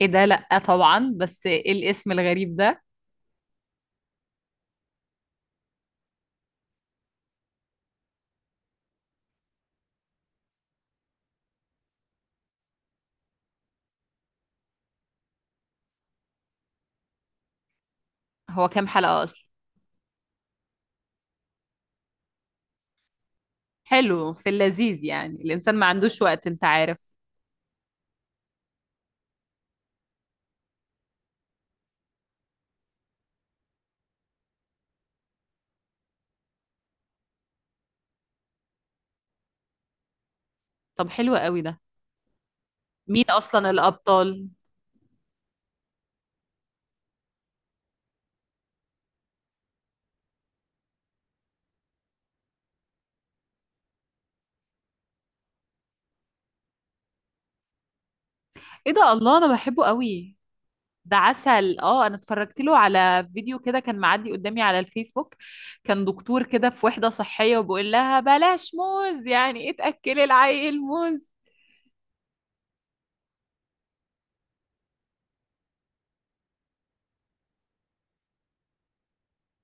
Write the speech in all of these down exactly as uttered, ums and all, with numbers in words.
ايه ده؟ لأ طبعا، بس ايه الاسم الغريب ده؟ هو كام حلقة اصلا؟ حلو، في اللذيذ، يعني الانسان ما عندوش وقت، انت عارف. طب حلو قوي ده. مين اصلا الابطال؟ ايه ده! الله، انا بحبه قوي. ده عسل. اه، انا اتفرجت له على فيديو كده كان معدي قدامي على الفيسبوك. كان دكتور كده في وحدة صحية وبيقول لها بلاش موز، يعني ايه تأكلي العيل موز؟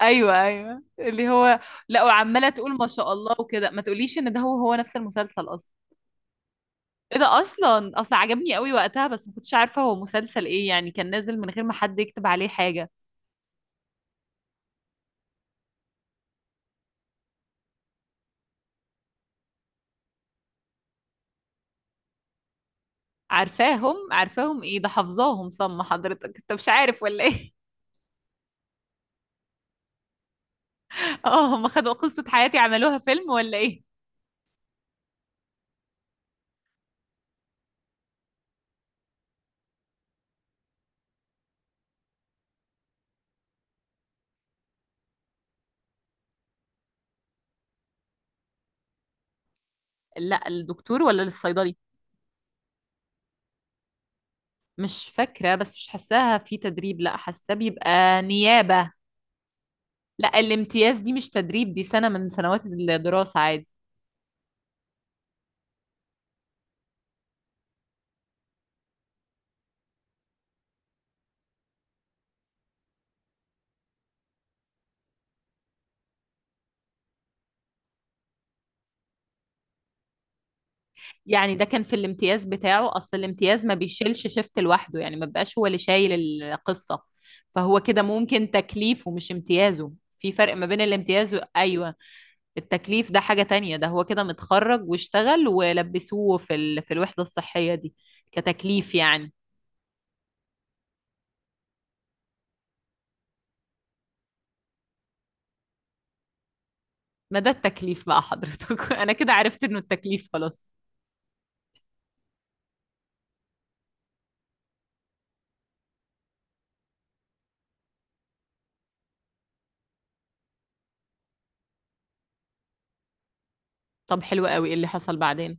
ايوه، ايوه، اللي هو. لا، وعماله تقول ما شاء الله وكده. ما تقوليش ان ده هو هو نفس المسلسل اصلا؟ ايه ده! اصلا اصلا عجبني قوي وقتها، بس ما كنتش عارفه هو مسلسل ايه، يعني كان نازل من غير ما حد يكتب عليه حاجه. عارفاهم عارفاهم، ايه ده، حافظاهم صم. حضرتك انت مش عارف ولا ايه؟ اه، هم خدوا قصه حياتي عملوها فيلم ولا ايه؟ لا الدكتور ولا للصيدلي؟ مش فاكره، بس مش حاساها في تدريب، لا حاساه بيبقى نيابه. لا، الامتياز دي مش تدريب، دي سنه من سنوات الدراسه عادي. يعني ده كان في الامتياز بتاعه، اصل الامتياز ما بيشيلش شيفت لوحده، يعني ما بيبقاش هو اللي شايل القصة. فهو كده ممكن تكليفه مش امتيازه. في فرق ما بين الامتياز و... ايوه. التكليف ده حاجة تانية، ده هو كده متخرج واشتغل ولبسوه في ال... في الوحدة الصحية دي كتكليف يعني. ما ده التكليف بقى حضرتك. انا كده عرفت انه التكليف خلاص. طب حلو قوي. ايه اللي حصل بعدين؟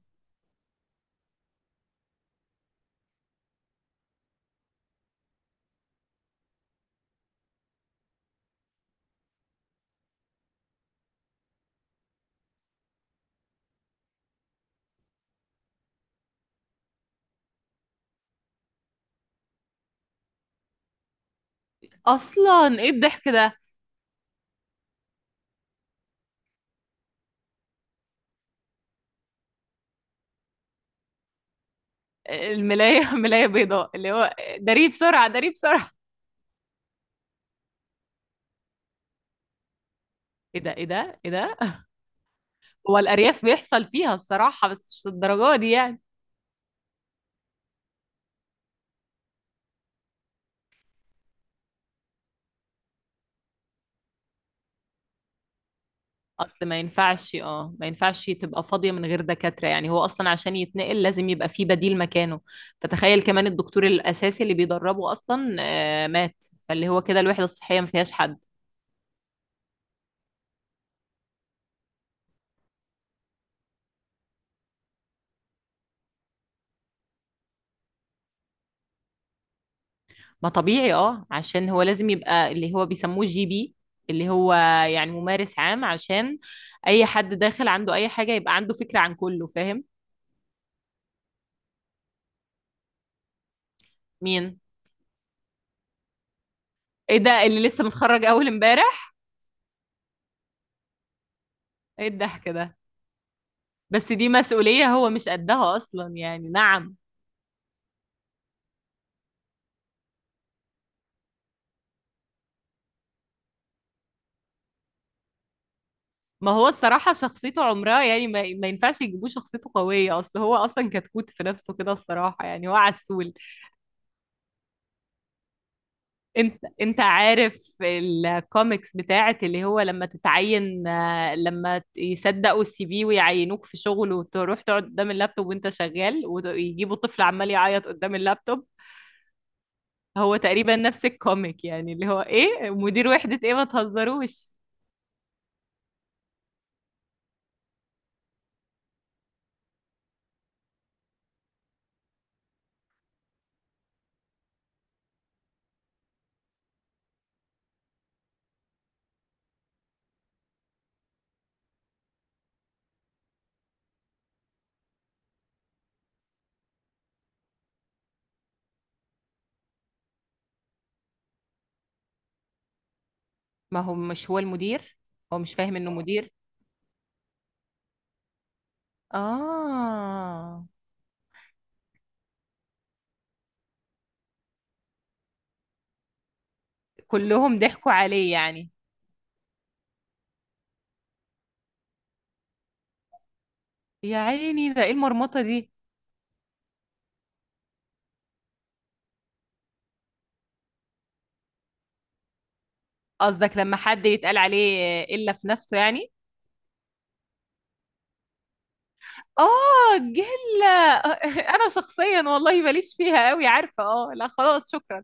اصلا ايه الضحك ده؟ الملاية. ملاية بيضاء، اللي هو داريه بسرعة داريه بسرعة. ايه ده! ايه ده! ايه ده! هو الأرياف بيحصل فيها الصراحة، بس مش للدرجة دي يعني. أصل ما ينفعش اه ما ينفعش تبقى فاضية من غير دكاترة، يعني هو أصلا عشان يتنقل لازم يبقى فيه بديل مكانه. فتخيل كمان الدكتور الأساسي اللي بيدربه أصلا آه، مات. فاللي هو كده الوحدة الصحية ما فيهاش حد. ما طبيعي، اه، عشان هو لازم يبقى اللي هو بيسموه جي بي، اللي هو يعني ممارس عام، عشان أي حد داخل عنده أي حاجة يبقى عنده فكرة عن كله. فاهم؟ مين؟ ايه ده! اللي لسه متخرج أول امبارح؟ ايه الضحك ده؟ بس دي مسؤولية هو مش قدها أصلا يعني. نعم. ما هو الصراحة شخصيته عمرها يعني، ما, ما ينفعش يجيبوه شخصيته قوية، أصل هو أصلا كتكوت في نفسه كده الصراحة، يعني هو عسول. أنت أنت عارف الكوميكس بتاعت اللي هو لما تتعين، آه، لما ت- يصدقوا السي في ويعينوك في شغل، وتروح تقعد قدام اللابتوب وأنت شغال، ويجيبوا طفل عمال يعيط قدام اللابتوب. هو تقريبا نفس الكوميك، يعني اللي هو إيه، مدير وحدة، إيه ما تهزروش. ما هو مش هو المدير. هو مش فاهم انه مدير. اه، كلهم ضحكوا عليه يعني. يا عيني، ده ايه المرمطة دي؟ قصدك لما حد يتقال عليه الا في نفسه يعني؟ اه، جلة. انا شخصيا والله ماليش فيها قوي، عارفة. اه، لا خلاص شكرا.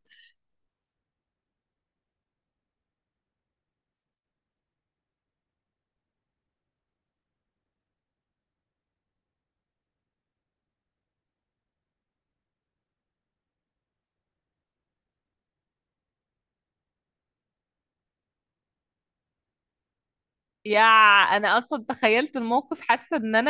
يا، انا اصلا تخيلت الموقف، حاسة ان انا.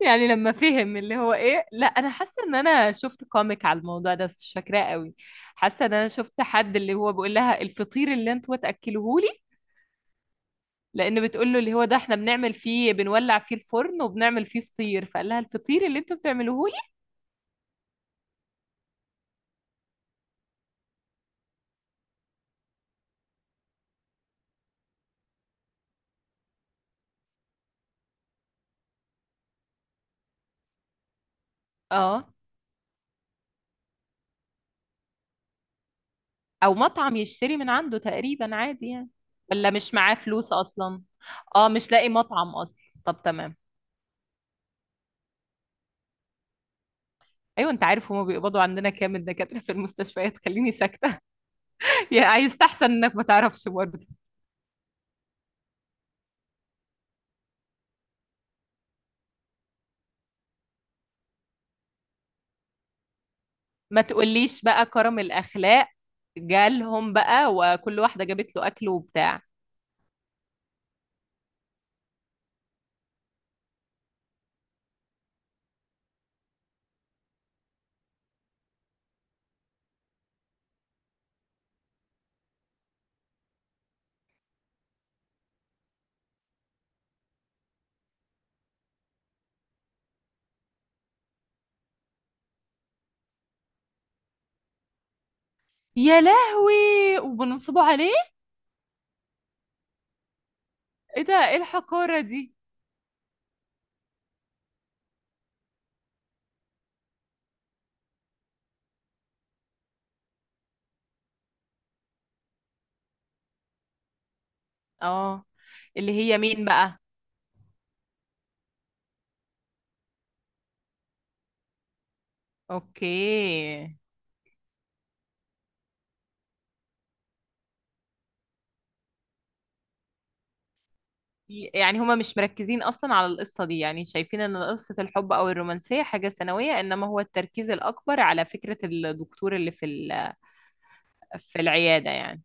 يعني لما فهم اللي هو ايه. لا، انا حاسه ان انا شفت كوميك على الموضوع ده، بس مش فاكراه قوي. حاسه ان انا شفت حد اللي هو بيقول لها الفطير اللي انتوا تاكلوهولي. لان بتقول له اللي هو ده احنا بنعمل فيه، بنولع فيه الفرن وبنعمل فيه فطير، فقال لها الفطير اللي انتوا بتعملوهولي. اه. او مطعم يشتري من عنده تقريبا عادي يعني. ولا مش معاه فلوس اصلا؟ اه، مش لاقي مطعم اصلا، طب تمام. ايوه. انت عارف هما بيقبضوا عندنا كام الدكاتره في المستشفيات؟ خليني ساكته. يعني يستحسن انك ما تعرفش برضه. ما تقوليش بقى، كرم الأخلاق. جالهم بقى وكل واحدة جابت له أكل وبتاع. يا لهوي. وبنصبوا عليه؟ ايه ده! ايه الحقارة دي! اه. اللي هي مين بقى؟ اوكي. يعني هما مش مركزين أصلا على القصة دي، يعني شايفين إن قصة الحب أو الرومانسية حاجة ثانوية، إنما هو التركيز الأكبر على فكرة الدكتور اللي في ال- في العيادة يعني.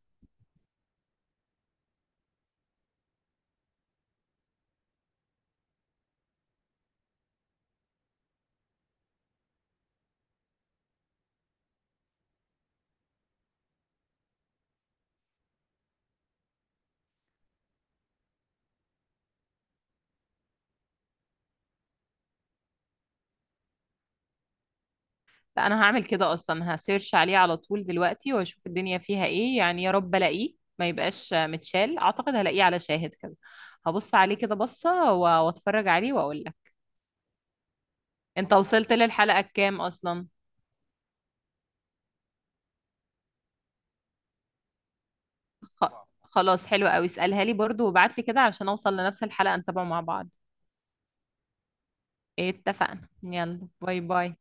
لا، انا هعمل كده اصلا، هسيرش عليه على طول دلوقتي واشوف الدنيا فيها ايه، يعني يا رب الاقيه ما يبقاش متشال، اعتقد هلاقيه على شاهد كده. هبص عليه كده بصة و- واتفرج عليه واقول لك. انت وصلت للحلقة الكام اصلا؟ خ... خلاص حلو قوي، اسألها لي برضو وابعت لي كده عشان اوصل لنفس الحلقة نتابعه مع بعض. اتفقنا، يلا باي باي.